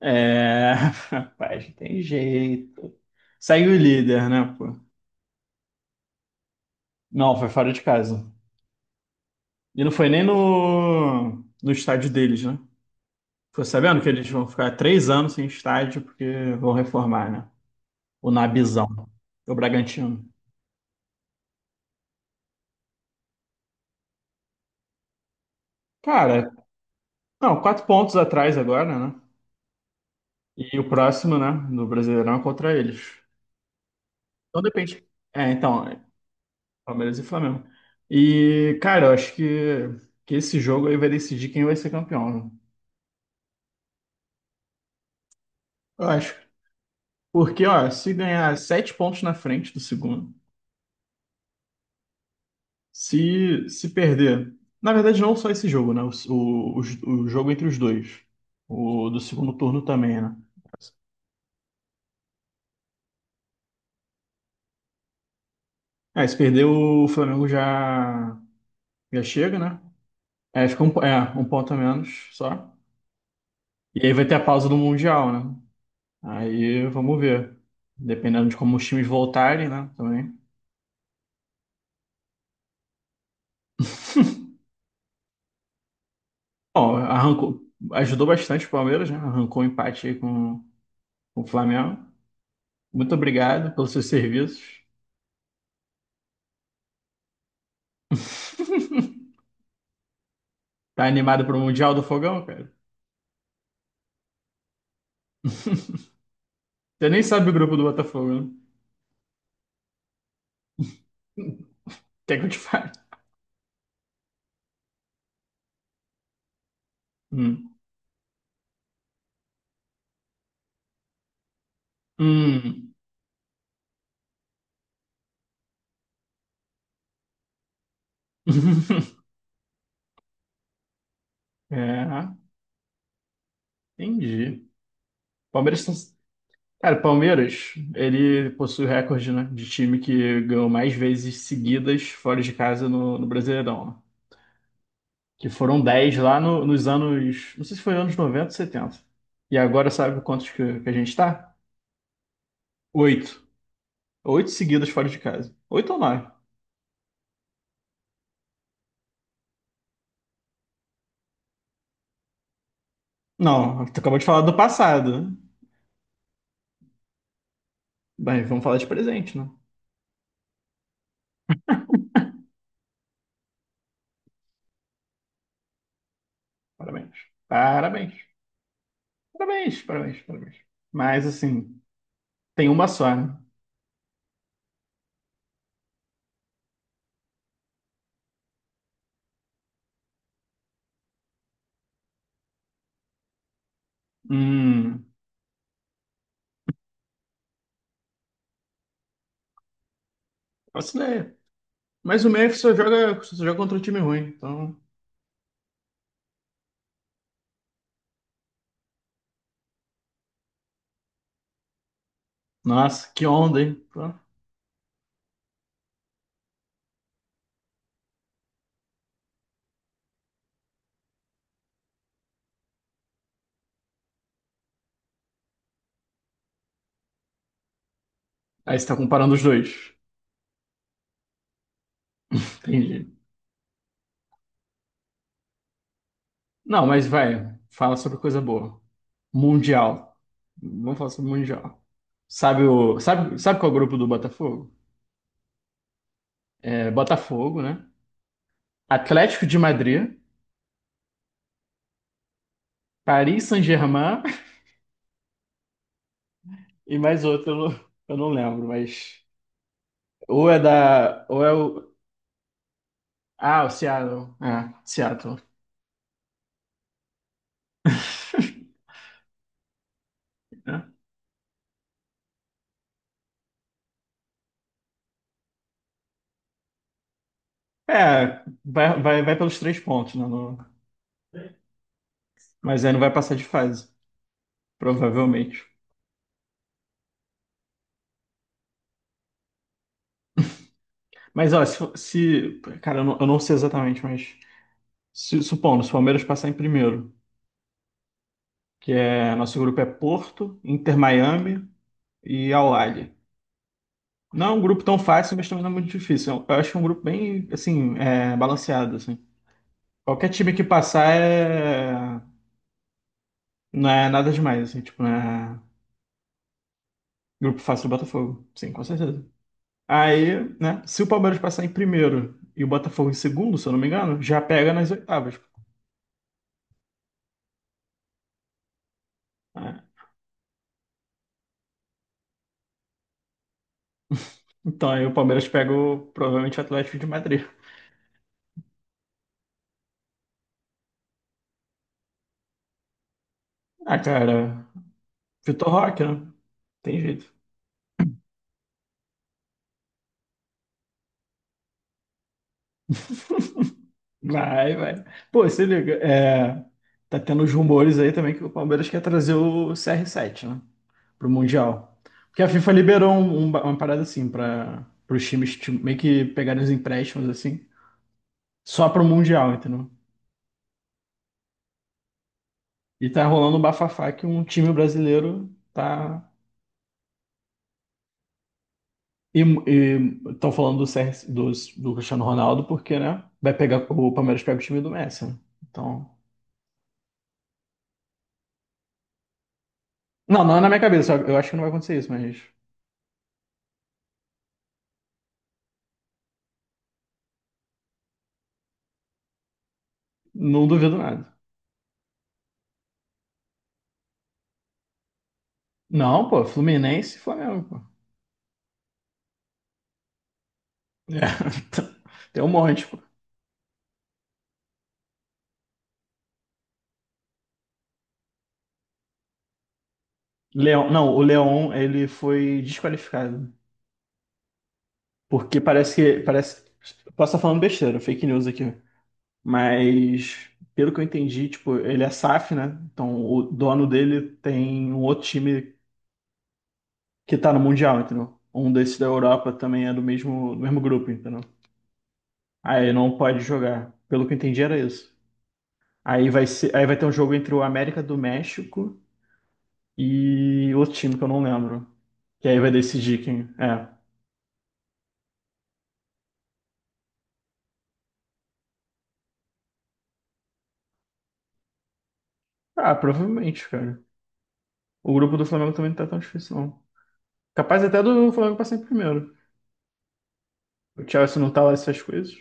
É, rapaz, não tem jeito. Segue o líder, né, pô? Não, foi fora de casa. E não foi nem no estádio deles, né? Ficou sabendo que eles vão ficar 3 anos sem estádio porque vão reformar, né? O Nabizão, o Bragantino. Cara, não, 4 pontos atrás agora, né? E o próximo, né, do Brasileirão é contra eles. Então depende. É, então, é Palmeiras e Flamengo. E, cara, eu acho que esse jogo aí vai decidir quem vai ser campeão, né? Eu acho. Porque, ó, se ganhar 7 pontos na frente do segundo, se perder. Na verdade, não só esse jogo, né? O jogo entre os dois. O do segundo turno também, né? É, se perder, o Flamengo já chega, né? É, fica é, um ponto a menos só. E aí vai ter a pausa do Mundial, né? Aí vamos ver. Dependendo de como os times voltarem, né? Também. Bom, arrancou, ajudou bastante o Palmeiras, né? Arrancou o empate aí com o Flamengo. Muito obrigado pelos seus serviços. Tá animado pro Mundial do Fogão, cara? Você nem sabe o grupo do Botafogo, né? Quer que eu te fale? Hum. Hum. É, entendi. Palmeiras. Cara, Palmeiras, ele possui o recorde, né, de time que ganhou mais vezes seguidas fora de casa no Brasileirão, né? Que foram 10 lá nos anos. Não sei se foi anos 90 ou 70. E agora sabe quantos que a gente tá? Oito. Oito seguidas fora de casa. Oito ou nove? Não, tu acabou de falar do passado, né? Bem, vamos falar de presente, né? Parabéns. Parabéns. Parabéns, parabéns, parabéns. Mas, assim, tem uma só, né? Hum, faço ideia. Mas o Memphis só joga contra um time ruim, então. Nossa, que onda, hein? Pô. Aí você tá comparando os dois. Entendi. Não, mas vai, fala sobre coisa boa. Mundial. Vamos falar sobre Mundial. Sabe qual é o grupo do Botafogo? É Botafogo, né? Atlético de Madrid, Paris Saint-Germain e mais outro, eu não lembro, mas. Ou é da. Ou é o. Ah, o Seattle. É, Seattle. É, É, vai, vai, vai pelos 3 pontos, né? Mas aí não vai passar de fase, provavelmente. Mas, ó, se. For- se- cara, eu não sei exatamente, mas. Supondo, se o Palmeiras passar em primeiro, que é. Nosso grupo é Porto, Inter Miami e Al Ahly. Não é um grupo tão fácil, mas também não é muito difícil. Eu acho que é um grupo bem, assim, balanceado, assim. Qualquer time que passar é. Não é nada demais, assim, tipo, não é grupo fácil do Botafogo. Sim, com certeza. Aí, né, se o Palmeiras passar em primeiro e o Botafogo em segundo, se eu não me engano, já pega nas oitavas, né? Então aí o Palmeiras pega provavelmente o Atlético de Madrid. Ah, cara, Vitor Roque, né? Tem jeito. Vai, vai. Pô, se liga, tá tendo os rumores aí também que o Palmeiras quer trazer o CR7, né? Pro Mundial. Porque a FIFA liberou uma parada assim para os times meio que pegarem os empréstimos assim, só pro Mundial, entendeu? E tá rolando um bafafá que um time brasileiro tá. E estão falando do, CR do Cristiano Ronaldo, porque, né? Vai pegar, o Palmeiras pega o time do Messi, né? Então. Não, não é na minha cabeça. Eu acho que não vai acontecer isso, mas não duvido nada. Não, pô, Fluminense e Flamengo, pô. É, tem um monte, pô. Leão, não, o Leão, ele foi desqualificado. Porque parece que. Parece. Posso estar falando besteira, fake news aqui. Mas, pelo que eu entendi, tipo, ele é SAF, né? Então o dono dele tem um outro time que tá no Mundial, entendeu? Um desses da Europa também é do mesmo grupo, entendeu? Aí não pode jogar. Pelo que eu entendi, era isso. Aí vai ter um jogo entre o América do México e outro time que eu não lembro. E aí vai decidir quem. É. Ah, provavelmente, cara. O grupo do Flamengo também não tá tão difícil, não. Capaz até do Flamengo passar em primeiro. O Chelsea não tá lá essas coisas?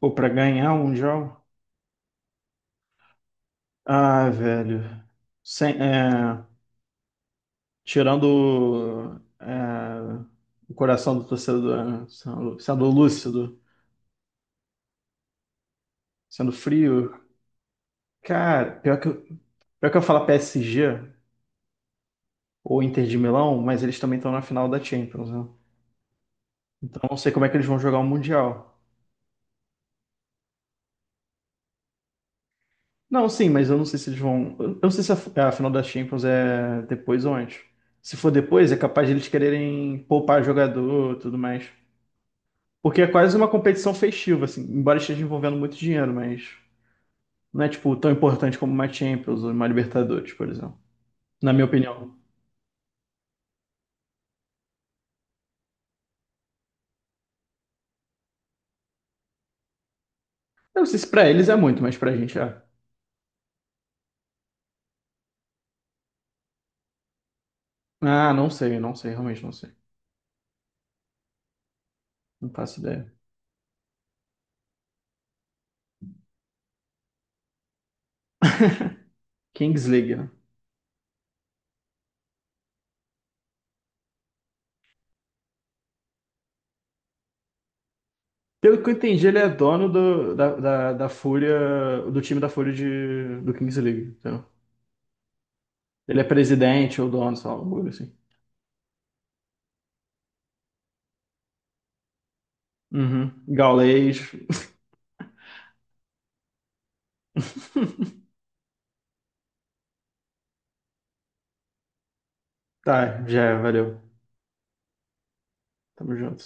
Pô, pra ganhar um Mundial? Ah, velho. Sem, tirando o coração do torcedor, né? Sendo lúcido, sendo frio. Cara, pior que eu falar PSG ou Inter de Milão, mas eles também estão na final da Champions, né? Então eu não sei como é que eles vão jogar o Mundial. Não, sim, mas eu não sei se eles vão. Eu não sei se a final da Champions é depois ou antes. Se for depois, é capaz de eles quererem poupar jogador e tudo mais. Porque é quase uma competição festiva, assim, embora esteja envolvendo muito dinheiro, mas não é, tipo, tão importante como uma Champions ou uma Libertadores, por exemplo. Na minha opinião. Eu não sei se pra eles é muito, mas pra gente é. Ah, não sei, não sei, realmente não sei. Não faço ideia. Kings League, né? Pelo que eu entendi, ele é dono da Fúria, do time da Fúria do Kings League. Entendeu? Ele é presidente ou dono, sei lá, alguma coisa assim. Uhum. Gaulês. Tá, já, valeu. Tamo junto.